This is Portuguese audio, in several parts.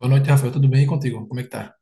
Boa noite, Rafael. Tudo bem? E contigo? Como é que tá?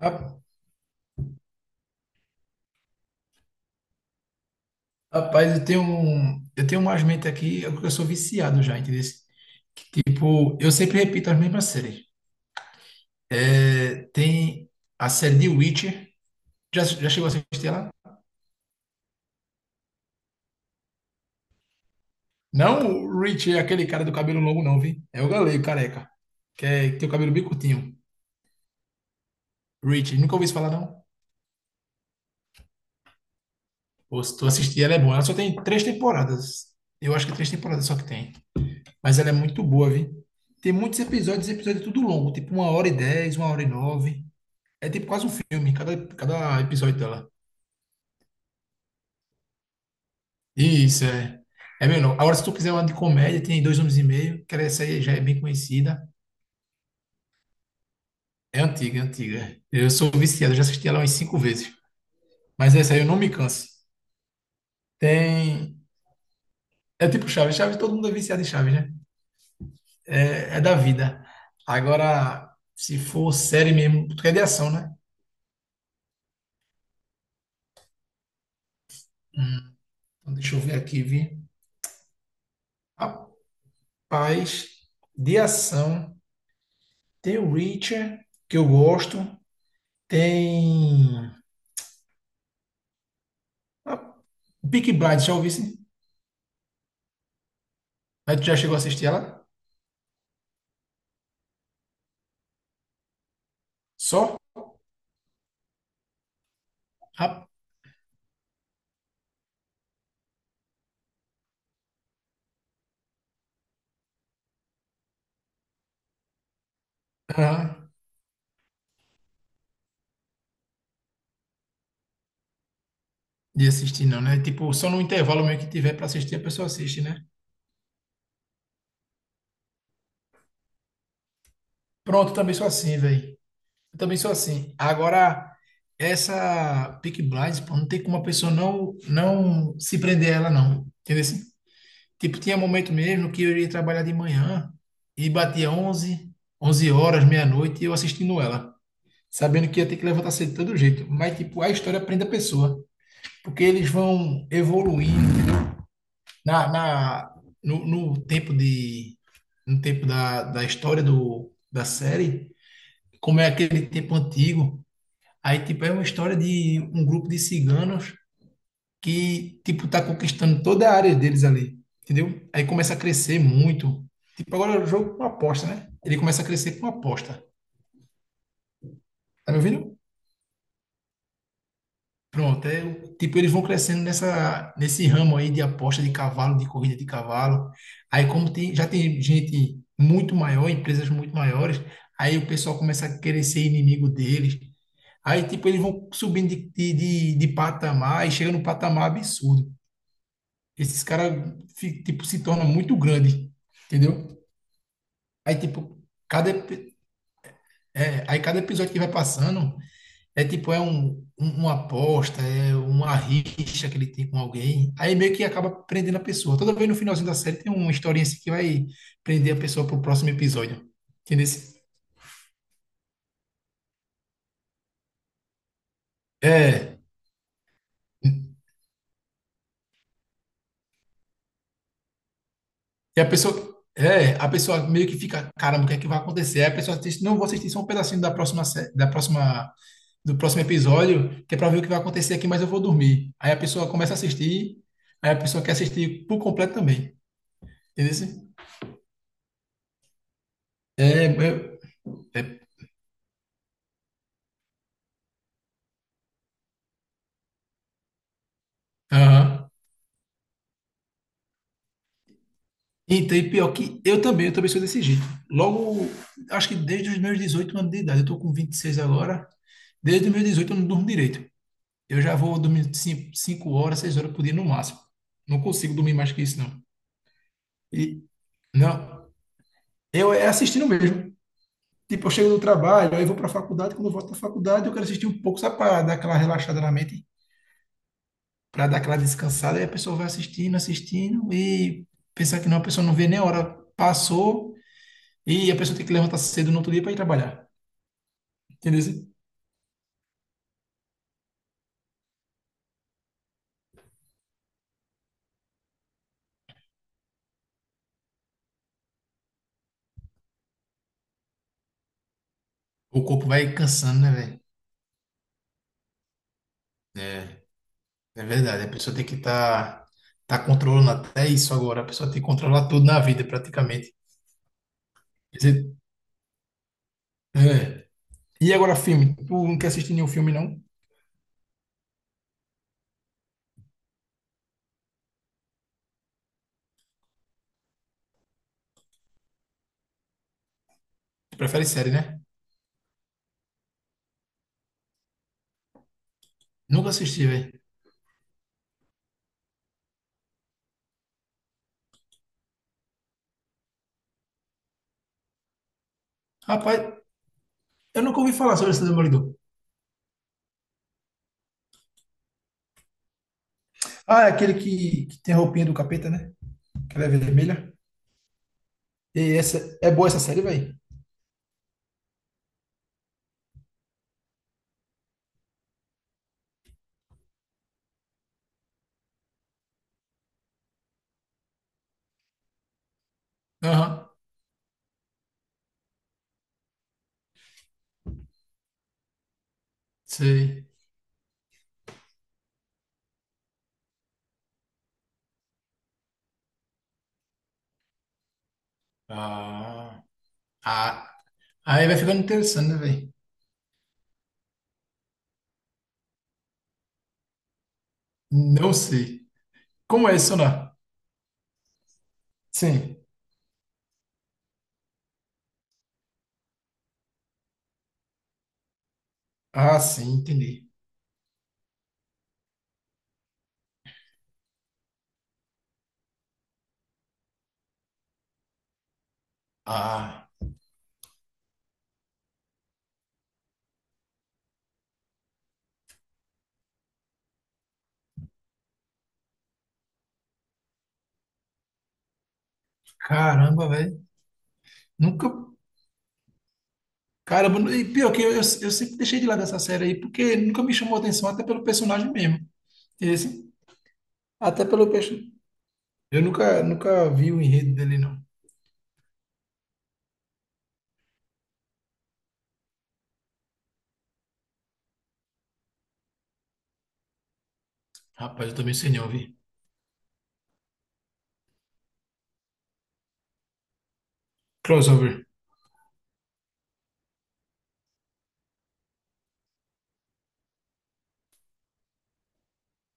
Ra- Rapaz, eu tenho umas mentes aqui, eu sou viciado já, entendeu? Tipo, eu sempre repito as mesmas séries. É, tem a série de Witcher. Já, já chegou a assistir ela? Não, o Rich, é aquele cara do cabelo longo, não, vi? É o galego, careca. Que, é, que tem o cabelo bem curtinho. Rich, nunca ouvi isso falar, não? Pô, se tu assistir, ela é boa. Ela só tem 3 temporadas. Eu acho que 3 temporadas só que tem. Mas ela é muito boa, viu? Tem muitos episódios, episódio é tudo longo, tipo 1 hora e 10, 1 hora e 9. É tipo quase um filme, cada episódio dela. Isso, é. É menor. Agora, se tu quiser uma de comédia, tem Dois Anos e Meio, que essa aí já é bem conhecida. É antiga, é antiga. Eu sou viciado, eu já assisti ela umas 5 vezes. Mas essa aí eu não me canso. Tem. É tipo Chaves, Chaves, todo mundo é viciado em Chaves, né? É, é da vida. Agora, se for série mesmo, porque é de ação, né? Então, deixa eu ver aqui, vi. Paz, de ação. Tem o Reacher, que eu gosto. Tem. A Peaky Blinders, já ouvi? Sim? Mas tu já chegou a assistir ela? Só? Ah, ah, de assistir não, né? Tipo, só no intervalo mesmo que tiver pra assistir, a pessoa assiste, né? Pronto, eu também sou assim, velho. Eu também sou assim. Agora, essa Peaky Blinders, pô, não tem como a pessoa não se prender a ela, não. Entendeu assim? Tipo, tinha momento mesmo que eu ia trabalhar de manhã e batia 11, 11 horas, meia-noite, e eu assistindo ela, sabendo que ia ter que levantar cedo de todo jeito. Mas, tipo, a história prende a pessoa, porque eles vão evoluindo na, na, no tempo de, no tempo da história da série, como é aquele tempo antigo. Aí, tipo, é uma história de um grupo de ciganos que, tipo, tá conquistando toda a área deles ali, entendeu? Aí começa a crescer muito. Tipo, agora é o jogo com aposta, né? Ele começa a crescer com aposta. Tá me ouvindo? Pronto, é, tipo, eles vão crescendo nesse ramo aí de aposta de cavalo, de corrida de cavalo. Aí como tem, já tem gente muito maior, empresas muito maiores, aí o pessoal começa a querer ser inimigo deles. Aí, tipo, eles vão subindo de patamar e chega num patamar absurdo. Esses caras, tipo, se tornam muito grande, entendeu? Aí, tipo, cada, epi- é, aí cada episódio que vai passando é, tipo, é um, um- uma aposta, é uma rixa que ele tem com alguém. Aí meio que acaba prendendo a pessoa. Toda vez no finalzinho da série tem uma historinha assim que vai prender a pessoa pro próximo episódio. Entendeu? É. E a pessoa, é, a pessoa meio que fica, caramba, o que é que vai acontecer? Aí a pessoa assiste, não, vou assistir só um pedacinho da próxima, da próxima, do próximo episódio, que é para ver o que vai acontecer aqui, mas eu vou dormir. Aí a pessoa começa a assistir, aí a pessoa quer assistir por completo também. Entendeu? Assim? É, é, é, aham. Então, e pior que eu também sou desse jeito. Logo, acho que desde os meus 18 anos de idade, eu tô com 26 agora, desde os meus 18 eu não durmo direito. Eu já vou dormir 5 horas, 6 horas por dia no máximo. Não consigo dormir mais que isso, não. E, não, eu é assistindo mesmo. Tipo, eu chego do trabalho, aí eu vou para a faculdade, quando eu volto da faculdade, eu quero assistir um pouco, só para dar aquela relaxada na mente, para dar aquela descansada, aí a pessoa vai assistindo, assistindo, e pensar que não, a pessoa não vê nem a hora passou, e a pessoa tem que levantar cedo no outro dia para ir trabalhar. Entendeu? O corpo vai cansando, né, velho? É. É verdade, a pessoa tem que tá controlando até isso agora. A pessoa tem que controlar tudo na vida, praticamente. Quer dizer, é. E agora, filme? Tu não quer assistir nenhum filme, não? Tu prefere série, né? Nunca assisti, velho. Rapaz, eu nunca ouvi falar sobre esse Demolidor. Ah, é aquele que tem a roupinha do capeta, né? Que ela é vermelha. E essa, é boa essa série, velho? Aham, sei. Ah, ah, aí vai ficando interessante, né, velho? Não sei. Como é isso, sonar? Sim. Ah, sim, entendi. Ah. Caramba, velho. Nunca. Caramba, e pior que eu sempre deixei de lado essa série aí, porque nunca me chamou atenção, até pelo personagem mesmo. Esse, até pelo peixe. Eu nunca, nunca vi o enredo dele, não. Rapaz, eu também sei não, vi. Crossover.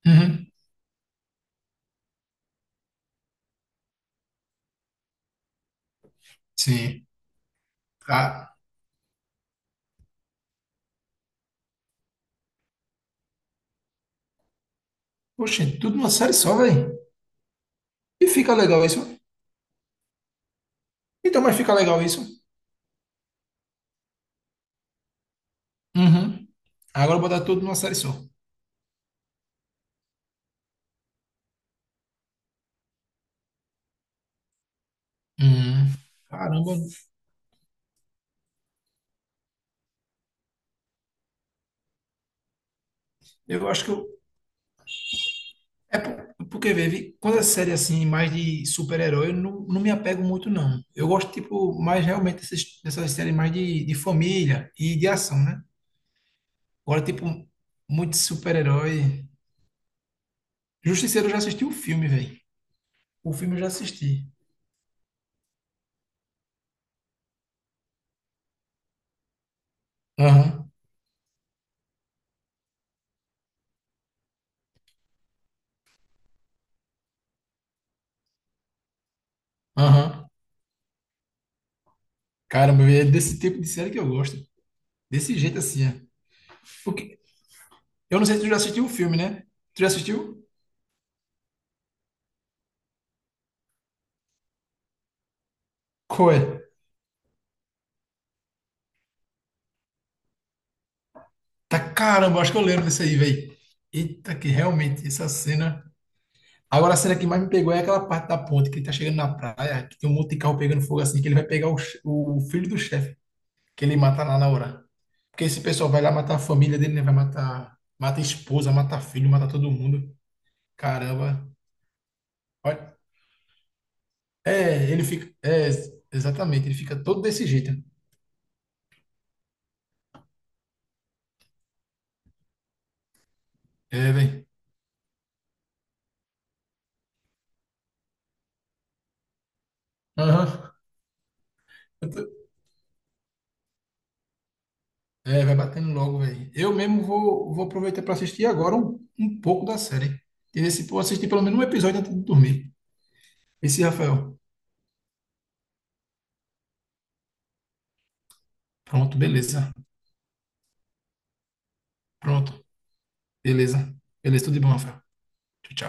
Uhum. Sim. Ah, poxa, tudo numa série só, velho. E fica legal isso. Então, mas fica legal isso. Uhum. Agora botar tudo numa série só. Uhum. Caramba, eu acho que eu, é porque, quando é série assim, mais de super-herói, eu não me apego muito, não. Eu gosto, tipo, mais realmente dessas séries mais de família e de ação, né? Agora, tipo, muito super-herói. Justiceiro eu já assisti o filme, velho. O filme eu já assisti. Aham, aham. Caramba, véi, é desse tipo de série que eu gosto. Desse jeito assim, é. Porque, eu não sei se tu já assistiu o filme, né? Tu já assistiu? Qual é? Tá, caramba, acho que eu lembro desse aí, velho. Eita, que realmente, essa cena. Agora a cena que mais me pegou é aquela parte da ponte, que ele tá chegando na praia, que tem um monte de carro pegando fogo assim, que ele vai pegar o filho do chefe, que ele mata lá na hora. Porque esse pessoal vai lá matar a família dele, né? Vai matar, mata a esposa, mata filho, mata todo mundo. Caramba. Olha. É, ele fica. É, exatamente, ele fica todo desse jeito. É, velho. Aham. Eu tô- É, vai batendo logo, velho. Eu mesmo vou, vou aproveitar para assistir agora um, um pouco da série. E esse, vou assistir pelo menos um episódio antes de dormir. Esse, Rafael. Pronto, beleza. Pronto, beleza. Beleza, tudo de bom, Rafael. Tchau, tchau.